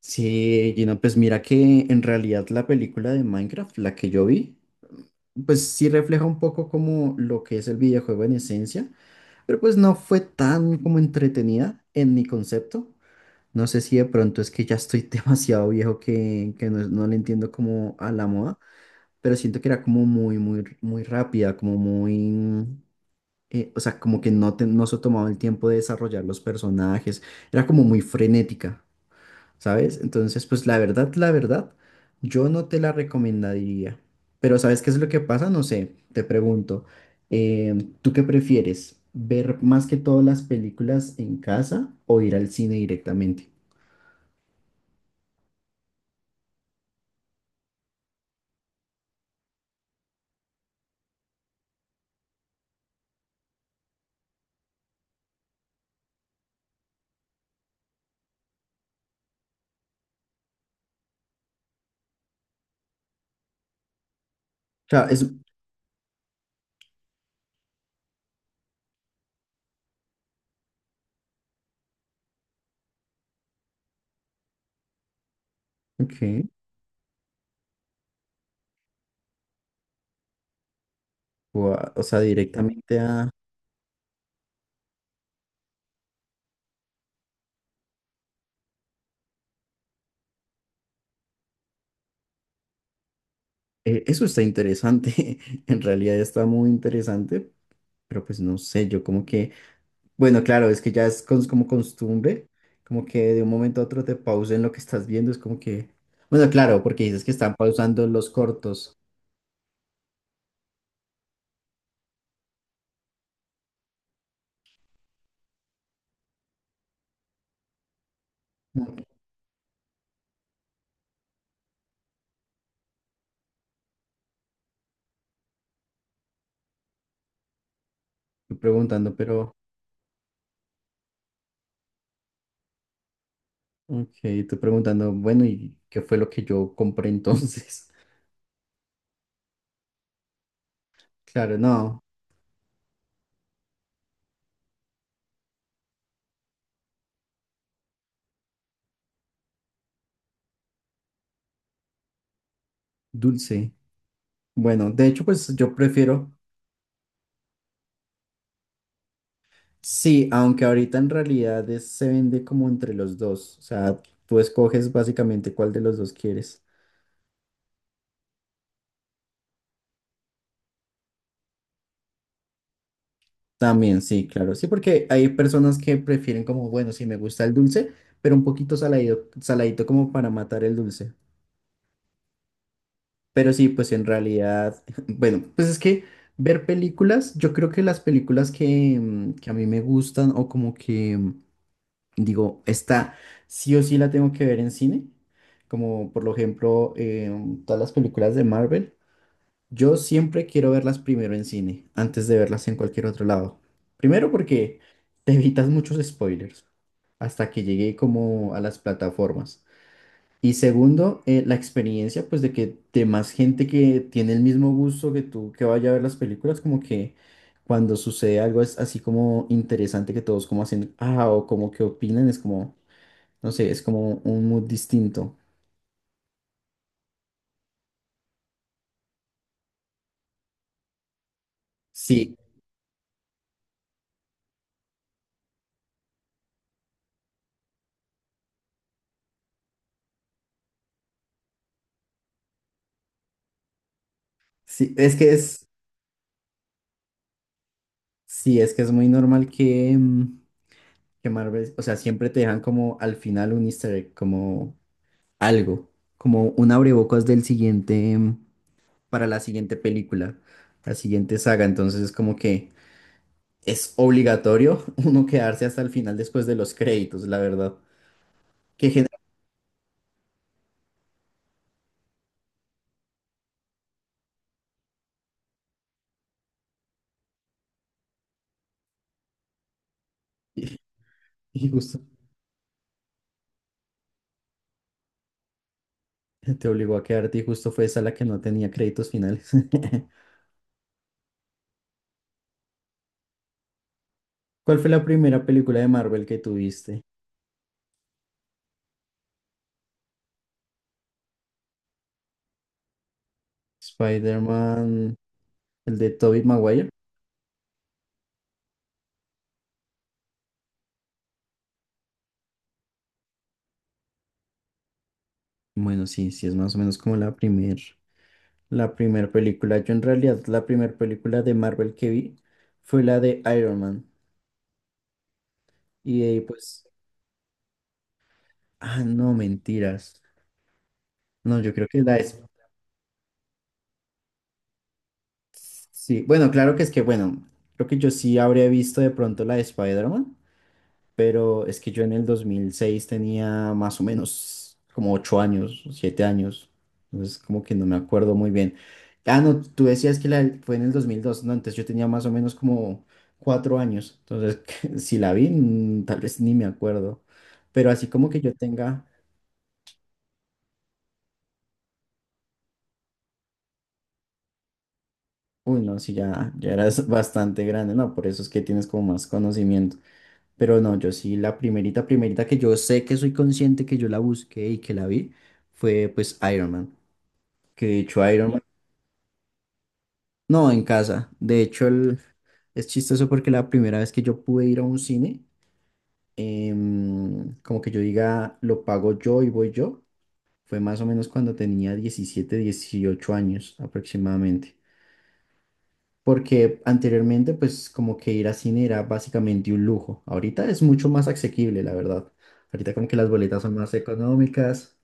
Sí, Gino, pues mira que en realidad la película de Minecraft, la que yo vi, pues sí refleja un poco como lo que es el videojuego en esencia, pero pues no fue tan como entretenida en mi concepto. No sé si de pronto es que ya estoy demasiado viejo que no le entiendo como a la moda, pero siento que era como muy, muy, muy rápida, como muy, o sea, como que no, no se tomaba el tiempo de desarrollar los personajes, era como muy frenética. ¿Sabes? Entonces, pues la verdad, yo no te la recomendaría. Pero ¿sabes qué es lo que pasa? No sé, te pregunto, eh, ¿tú qué prefieres? ¿Ver más que todas las películas en casa o ir al cine directamente? O sea, es... Ok, o sea, directamente a... Eso está interesante, en realidad está muy interesante, pero pues no sé, yo como que... Bueno, claro, es que ya como costumbre, como que de un momento a otro te pausen lo que estás viendo, es como que... Bueno, claro, porque dices que están pausando los cortos. ¿No? Tú preguntando, pero... Ok, tú preguntando, bueno, ¿y qué fue lo que yo compré entonces? Claro, no, dulce. Bueno, de hecho, pues yo prefiero... Sí, aunque ahorita en realidad se vende como entre los dos, o sea, tú escoges básicamente cuál de los dos quieres. También, sí, claro. Sí, porque hay personas que prefieren como, bueno, sí me gusta el dulce, pero un poquito saladido, saladito como para matar el dulce. Pero sí, pues en realidad, bueno, pues es que ver películas, yo creo que las películas que, que a mí me gustan o como que digo, esta sí o sí la tengo que ver en cine, como por lo ejemplo todas las películas de Marvel. Yo siempre quiero verlas primero en cine, antes de verlas en cualquier otro lado. Primero porque te evitas muchos spoilers hasta que llegue como a las plataformas. Y segundo, la experiencia pues de que de más gente que tiene el mismo gusto que tú que vaya a ver las películas, como que cuando sucede algo es así como interesante que todos como hacen, ah, o como que opinan, es como, no sé, es como un mood distinto. Sí, sí, sí, es que es muy normal que... que Marvel, o sea, siempre te dejan como al final un easter egg, como algo, como un abrebocas del siguiente, para la siguiente película, la siguiente saga. Entonces es como que es obligatorio uno quedarse hasta el final después de los créditos, la verdad. Que genera- y justo te obligó a quedarte y justo fue esa la que no tenía créditos finales. ¿Cuál fue la primera película de Marvel que tuviste? Spider-Man, el de Tobey Maguire. Bueno, sí, sí, es más o menos como la primera. La primera película, yo en realidad la primera película de Marvel que vi fue la de Iron Man. Y de ahí pues, ah, no, mentiras. No, yo creo que la es... Sí, bueno, claro que es que, bueno, creo que yo sí habría visto de pronto la de Spider-Man, pero es que yo en el 2006 tenía más o menos como 8 años, 7 años, entonces como que no me acuerdo muy bien. Ah, no, tú decías que la, fue en el 2002, no, antes yo tenía más o menos como 4 años, entonces si la vi, tal vez ni me acuerdo, pero así como que yo tenga, uy, no, si ya, ya eras bastante grande, no, por eso es que tienes como más conocimiento. Pero no, yo sí, la primerita, primerita que yo sé que soy consciente que yo la busqué y que la vi fue pues Iron Man. Que de hecho Iron Man, no, en casa. De hecho, es chistoso porque la primera vez que yo pude ir a un cine, como que yo diga, lo pago yo y voy yo, fue más o menos cuando tenía 17 18 años aproximadamente. Porque anteriormente, pues como que ir a cine era básicamente un lujo. Ahorita es mucho más asequible, la verdad. Ahorita como que las boletas son más económicas.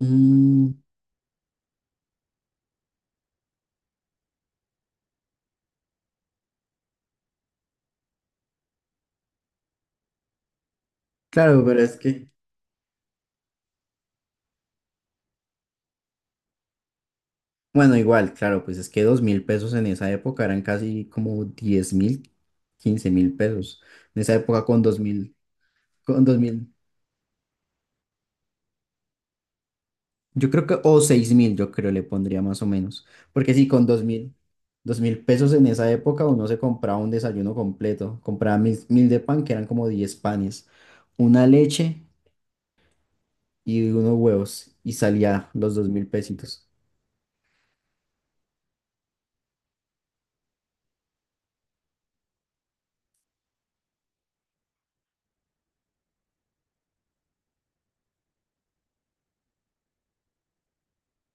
Mm, claro, pero es que... Bueno, igual, claro, pues es que 2000 pesos en esa época eran casi como 10.000, 15.000 pesos. En esa época con 2000, con dos mil, yo creo que, o 6000, yo creo le pondría más o menos. Porque sí, 2000 pesos en esa época uno se compraba un desayuno completo. Compraba 1000 de pan, que eran como 10 panes, una leche y unos huevos, y salía los 2000 pesitos.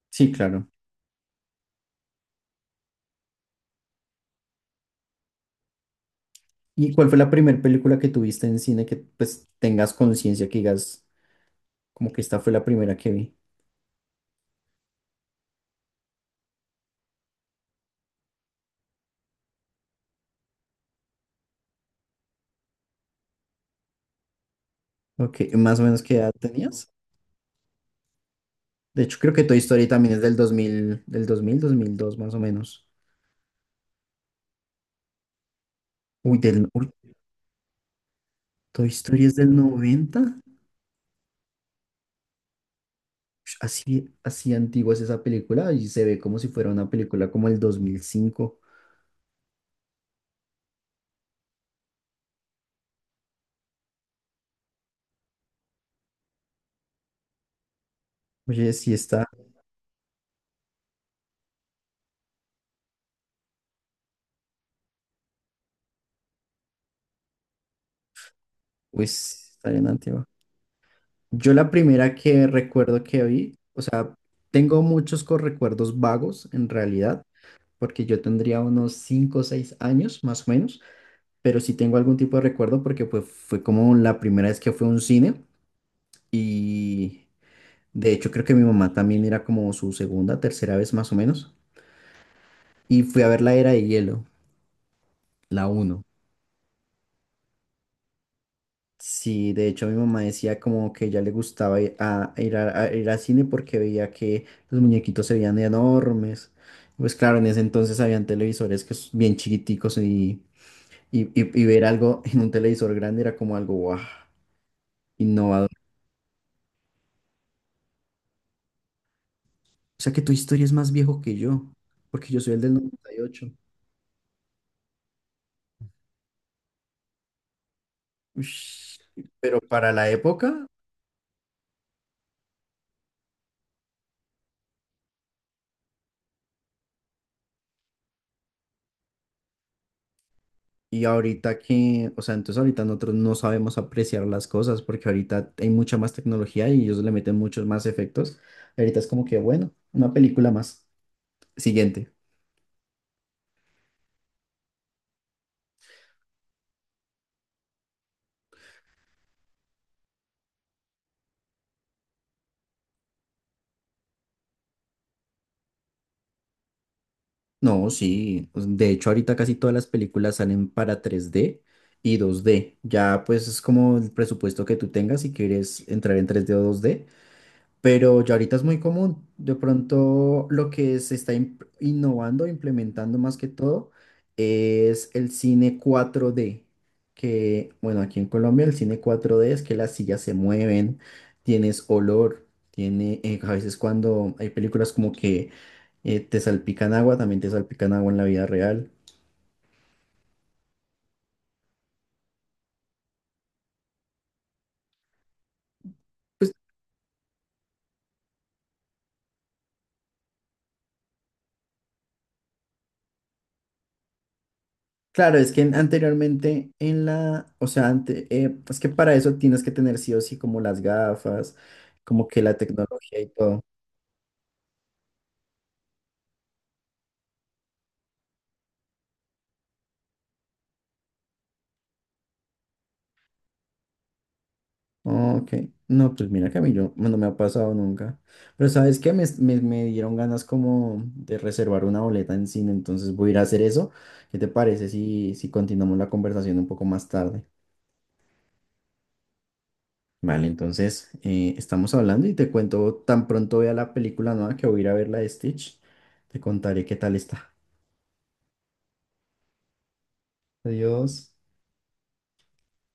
Sí, claro. ¿Y cuál fue la primera película que tuviste en cine que pues tengas conciencia que digas? Como que esta fue la primera que vi. Ok, más o menos qué edad tenías. De hecho, creo que Toy Story también es del 2000, del 2000, 2002, más o menos. Uy, uy, Toy Story es del 90. Ush, así, así antigua es esa película y se ve como si fuera una película como el 2005. Oye, sí está, pues está bien antigua. Yo la primera que recuerdo que vi, o sea, tengo muchos recuerdos vagos en realidad, porque yo tendría unos 5 o 6 años más o menos. Pero sí tengo algún tipo de recuerdo porque pues fue como la primera vez que fue a un cine y de hecho creo que mi mamá también era como su segunda, tercera vez más o menos y fui a ver La Era de Hielo, la uno. Sí, de hecho mi mamá decía como que ya le gustaba ir al cine porque veía que los muñequitos se veían enormes. Pues claro, en ese entonces habían televisores que bien chiquiticos y, y ver algo en un televisor grande era como algo guau. O sea que tu historia es más viejo que yo, porque yo soy el del 98. Ush. Pero para la época y ahorita que, o sea, entonces ahorita nosotros no sabemos apreciar las cosas porque ahorita hay mucha más tecnología y ellos le meten muchos más efectos. Ahorita es como que, bueno, una película más. Siguiente. No, sí, pues, de hecho, ahorita casi todas las películas salen para 3D y 2D. Ya pues es como el presupuesto que tú tengas si quieres entrar en 3D o 2D. Pero ya ahorita es muy común. De pronto lo que se está innovando, implementando más que todo, es el cine 4D. Que, bueno, aquí en Colombia el cine 4D es que las sillas se mueven, tienes olor, tiene, a veces cuando hay películas como que te salpican agua, también te salpican agua en la vida real. Claro, es que anteriormente en la, o sea, es que para eso tienes que tener sí o sí como las gafas, como que la tecnología y todo. Ok, no, pues mira que a mí yo, no me ha pasado nunca. Pero ¿sabes qué? Me dieron ganas como de reservar una boleta en cine, entonces voy a ir a hacer eso. ¿Qué te parece si, continuamos la conversación un poco más tarde? Vale, entonces estamos hablando y te cuento tan pronto vea la película nueva que voy a ir a ver la de Stitch. Te contaré qué tal está. Adiós.